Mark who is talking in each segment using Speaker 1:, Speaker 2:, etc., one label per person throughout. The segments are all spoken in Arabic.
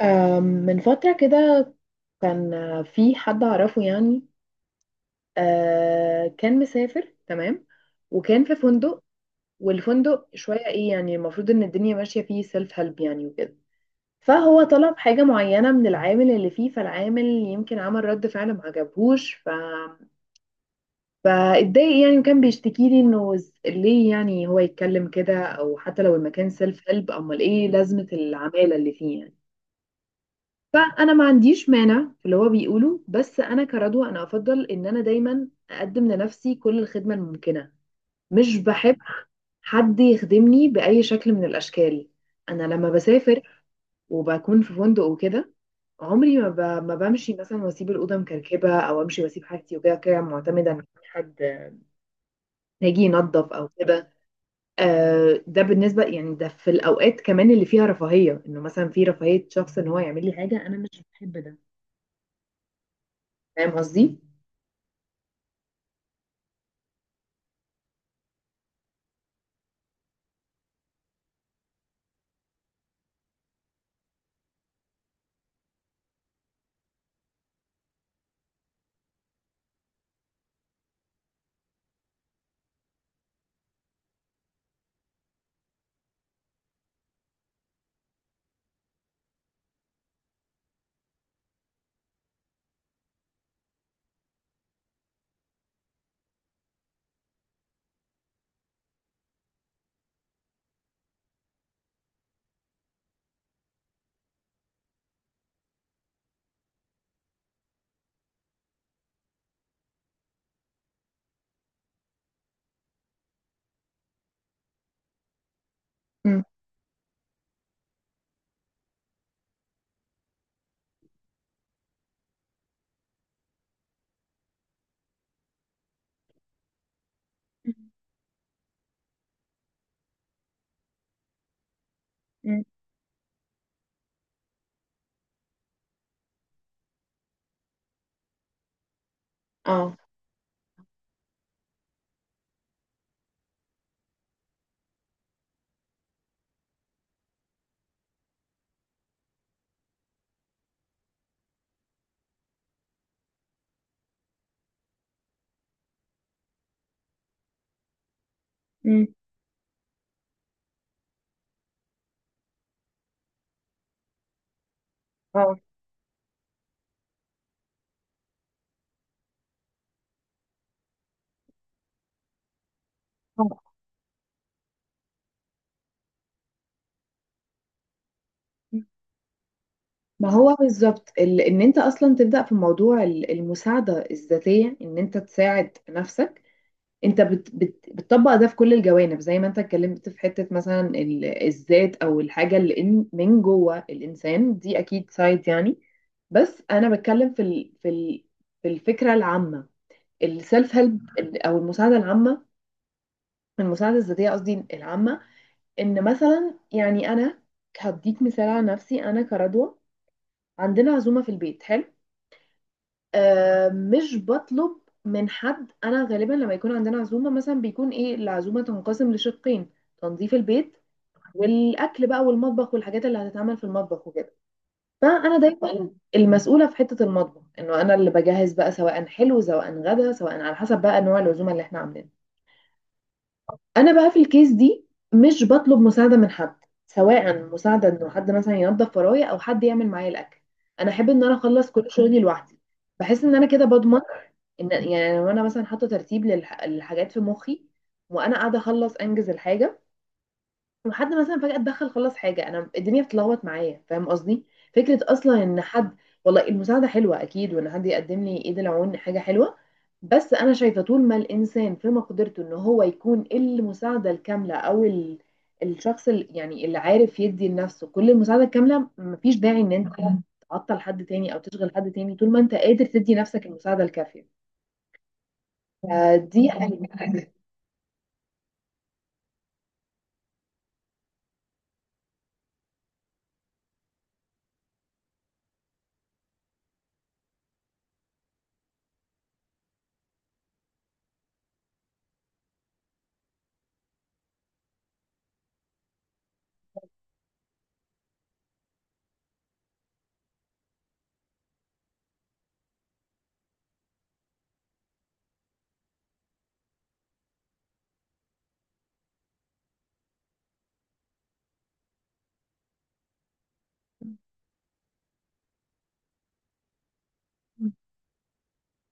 Speaker 1: من فترة كده كان في حد أعرفه يعني، كان مسافر تمام، وكان في فندق. والفندق شوية إيه يعني، المفروض إن الدنيا ماشية فيه سيلف هيلب يعني وكده. فهو طلب حاجة معينة من العامل اللي فيه، فالعامل يمكن عمل رد فعل ما عجبهوش فاتضايق يعني، وكان بيشتكي لي إنه ليه يعني هو يتكلم كده، أو حتى لو المكان سيلف هيلب أمال إيه لازمة العمالة اللي فيه يعني. فانا ما عنديش مانع في اللي هو بيقوله، بس انا كردوه انا افضل ان انا دايما اقدم لنفسي كل الخدمه الممكنه. مش بحب حد يخدمني باي شكل من الاشكال. انا لما بسافر وبكون في فندق وكده، عمري ما, ب... ما بمشي مثلا واسيب الاوضه مكركبه، او امشي واسيب حاجتي وكده كده معتمده ان في حد هيجي ينظف او كده. آه ده بالنسبه يعني ده في الاوقات كمان اللي فيها رفاهيه، انه مثلا في رفاهيه شخص ان هو يعمل لي حاجه، انا مش بحب ده. فاهم قصدي؟ مم. اه. مم. اه. آه. ما هو بالظبط ان انت اصلا تبدا في موضوع المساعده الذاتيه، ان انت تساعد نفسك. انت بت بت بتطبق ده في كل الجوانب زي ما انت اتكلمت في حته مثلا الذات او الحاجه اللي من جوه الانسان دي، اكيد سايد يعني. بس انا بتكلم في ال في الفكره العامه، السيلف هيلب او المساعده العامه، المساعده الذاتيه قصدي العامه. ان مثلا يعني انا هديك مثال على نفسي انا كردوة. عندنا عزومة في البيت، حلو. آه مش بطلب من حد، انا غالبا لما يكون عندنا عزومة مثلا بيكون ايه، العزومة تنقسم لشقين: تنظيف البيت والاكل بقى، والمطبخ والحاجات اللي هتتعمل في المطبخ وكده. فانا دايما المسؤولة في حتة المطبخ، انه انا اللي بجهز بقى، سواء حلو سواء غدا سواء على حسب بقى نوع العزومة اللي احنا عاملينها. انا بقى في الكيس دي مش بطلب مساعده من حد، سواء مساعده انه حد مثلا ينظف ورايا او حد يعمل معايا الاكل. انا احب ان انا اخلص كل شغلي لوحدي. بحس ان انا كده بضمن ان، يعني لو انا مثلا حاطه ترتيب للحاجات في مخي وانا قاعده اخلص انجز الحاجه، وحد مثلا فجأة اتدخل خلص حاجة، انا الدنيا بتلخبط معايا. فاهم قصدي؟ فكرة اصلا ان حد، والله المساعدة حلوة اكيد، وان حد يقدم لي ايد العون حاجة حلوة، بس انا شايفة طول ما الانسان في مقدرته ان هو يكون المساعدة الكاملة او ال... الشخص اللي يعني اللي عارف يدي لنفسه كل المساعدة الكاملة، مفيش داعي ان انت تعطل حد تاني او تشغل حد تاني طول ما انت قادر تدي نفسك المساعدة الكافية. فدي حاجة.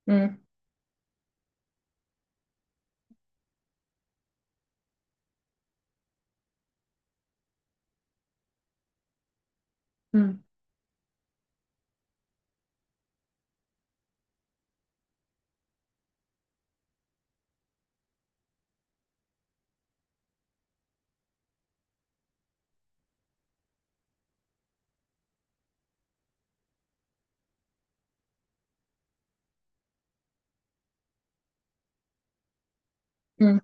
Speaker 1: مم. مم. مم.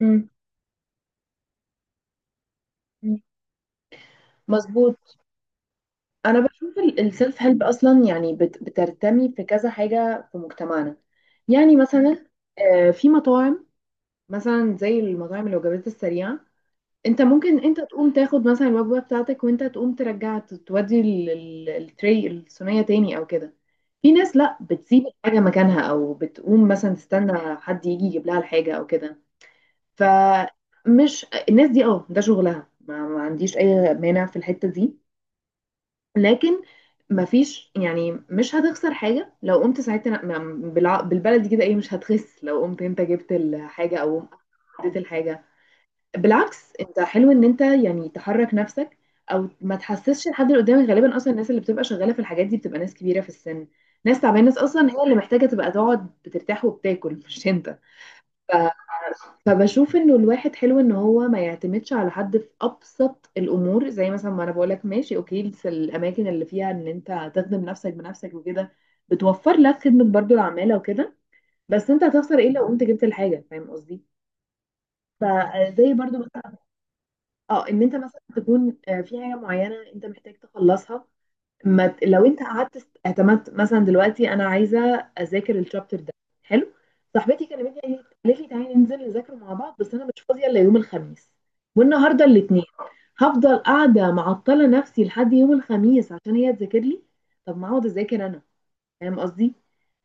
Speaker 1: مم. مظبوط. انا بشوف السيلف هيلب اصلا يعني بترتمي في كذا حاجه في مجتمعنا، يعني مثلا في مطاعم، مثلا زي المطاعم الوجبات السريعه. انت ممكن انت تقوم تاخد مثلا الوجبه بتاعتك وانت تقوم ترجع تودي التري الصينيه تاني او كده. في ناس لا بتسيب الحاجه مكانها، او بتقوم مثلا تستنى حد يجي يجيب لها الحاجه او كده. فمش الناس دي اه ده شغلها، ما عنديش اي مانع في الحته دي. لكن مفيش يعني، مش هتخسر حاجة لو قمت ساعتها بالبلدي كده ايه، مش هتخس لو قمت انت جبت الحاجة او اديت الحاجة. بالعكس، انت حلو ان انت يعني تحرك نفسك، او ما تحسسش الحد اللي قدامك. غالبا اصلا الناس اللي بتبقى شغالة في الحاجات دي بتبقى ناس كبيرة في السن، ناس تعبانة، ناس اصلا هي اللي محتاجة تبقى تقعد بترتاح وبتاكل مش انت. فبشوف انه الواحد حلو ان هو ما يعتمدش على حد في ابسط الامور، زي مثلا ما انا بقولك، ماشي اوكي الاماكن اللي فيها ان انت تخدم نفسك بنفسك وكده بتوفر لك خدمة برضو العمالة وكده، بس انت هتخسر ايه لو قمت جبت الحاجة؟ فاهم قصدي؟ فزي برضو مثلا اه ان انت مثلا تكون في حاجة معينة انت محتاج تخلصها. ما ت- لو انت قعدت اعتمدت، مثلا دلوقتي انا عايزه اذاكر الشابتر ده، حلو، صاحبتي كلمتني قالت لي تعالي ننزل نذاكره مع بعض، بس انا مش فاضيه الا يوم الخميس والنهارده الاثنين، هفضل قاعده معطله نفسي لحد يوم الخميس عشان هي تذاكر لي؟ طب ما اقعد اذاكر انا. فاهم قصدي؟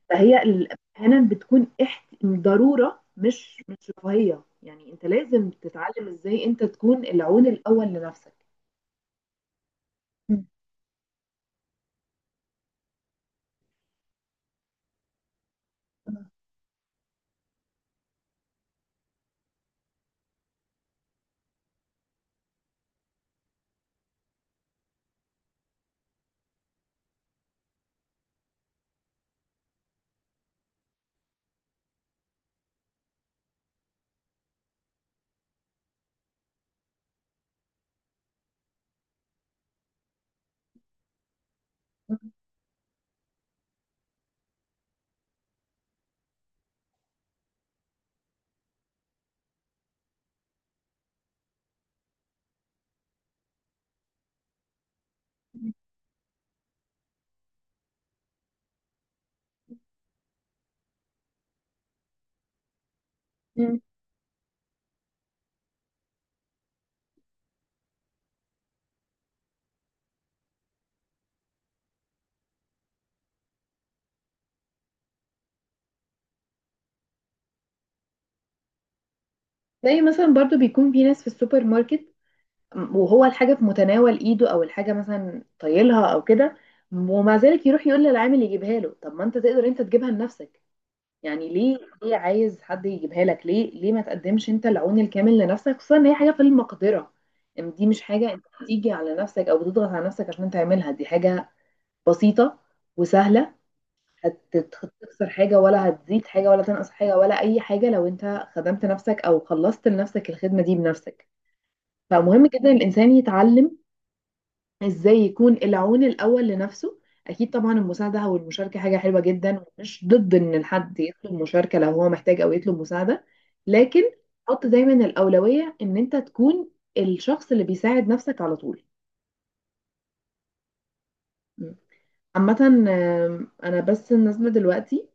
Speaker 1: فهي ال- احيانا بتكون ضروره، مش رفاهيه يعني. انت لازم تتعلم ازاي انت تكون العون الاول لنفسك. زي مثلا برضو بيكون في ناس في السوبر ماركت وهو الحاجة في متناول ايده او الحاجة مثلا طايلها او كده، ومع ذلك يروح يقول للعامل يجيبها له. طب ما انت تقدر انت تجيبها لنفسك، يعني ليه ليه عايز حد يجيبها لك، ليه ليه ما تقدمش انت العون الكامل لنفسك، خصوصا ان هي حاجة في المقدرة، ان دي مش حاجة انت بتيجي على نفسك او بتضغط على نفسك عشان تعملها، دي حاجة بسيطة وسهلة. هتخسر حاجة ولا هتزيد حاجة ولا تنقص حاجة ولا اي حاجة، لو انت خدمت نفسك او خلصت لنفسك الخدمة دي بنفسك. فمهم جدا الإنسان يتعلم إزاي يكون العون الأول لنفسه. أكيد طبعا المساعدة أو المشاركة حاجة حلوة جدا، ومش ضد إن الحد يطلب مشاركة لو هو محتاج أو يطلب مساعدة، لكن حط دايما الأولوية إن أنت تكون الشخص اللي بيساعد نفسك على طول. م. عامة أنا بس نازلة دلوقتي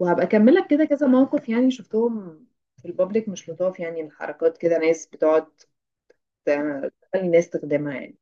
Speaker 1: وهبقى أكملك كده كذا موقف يعني شفتهم في البابليك مش لطاف يعني، الحركات كده ناس بتقعد تخلي الناس تخدمها يعني.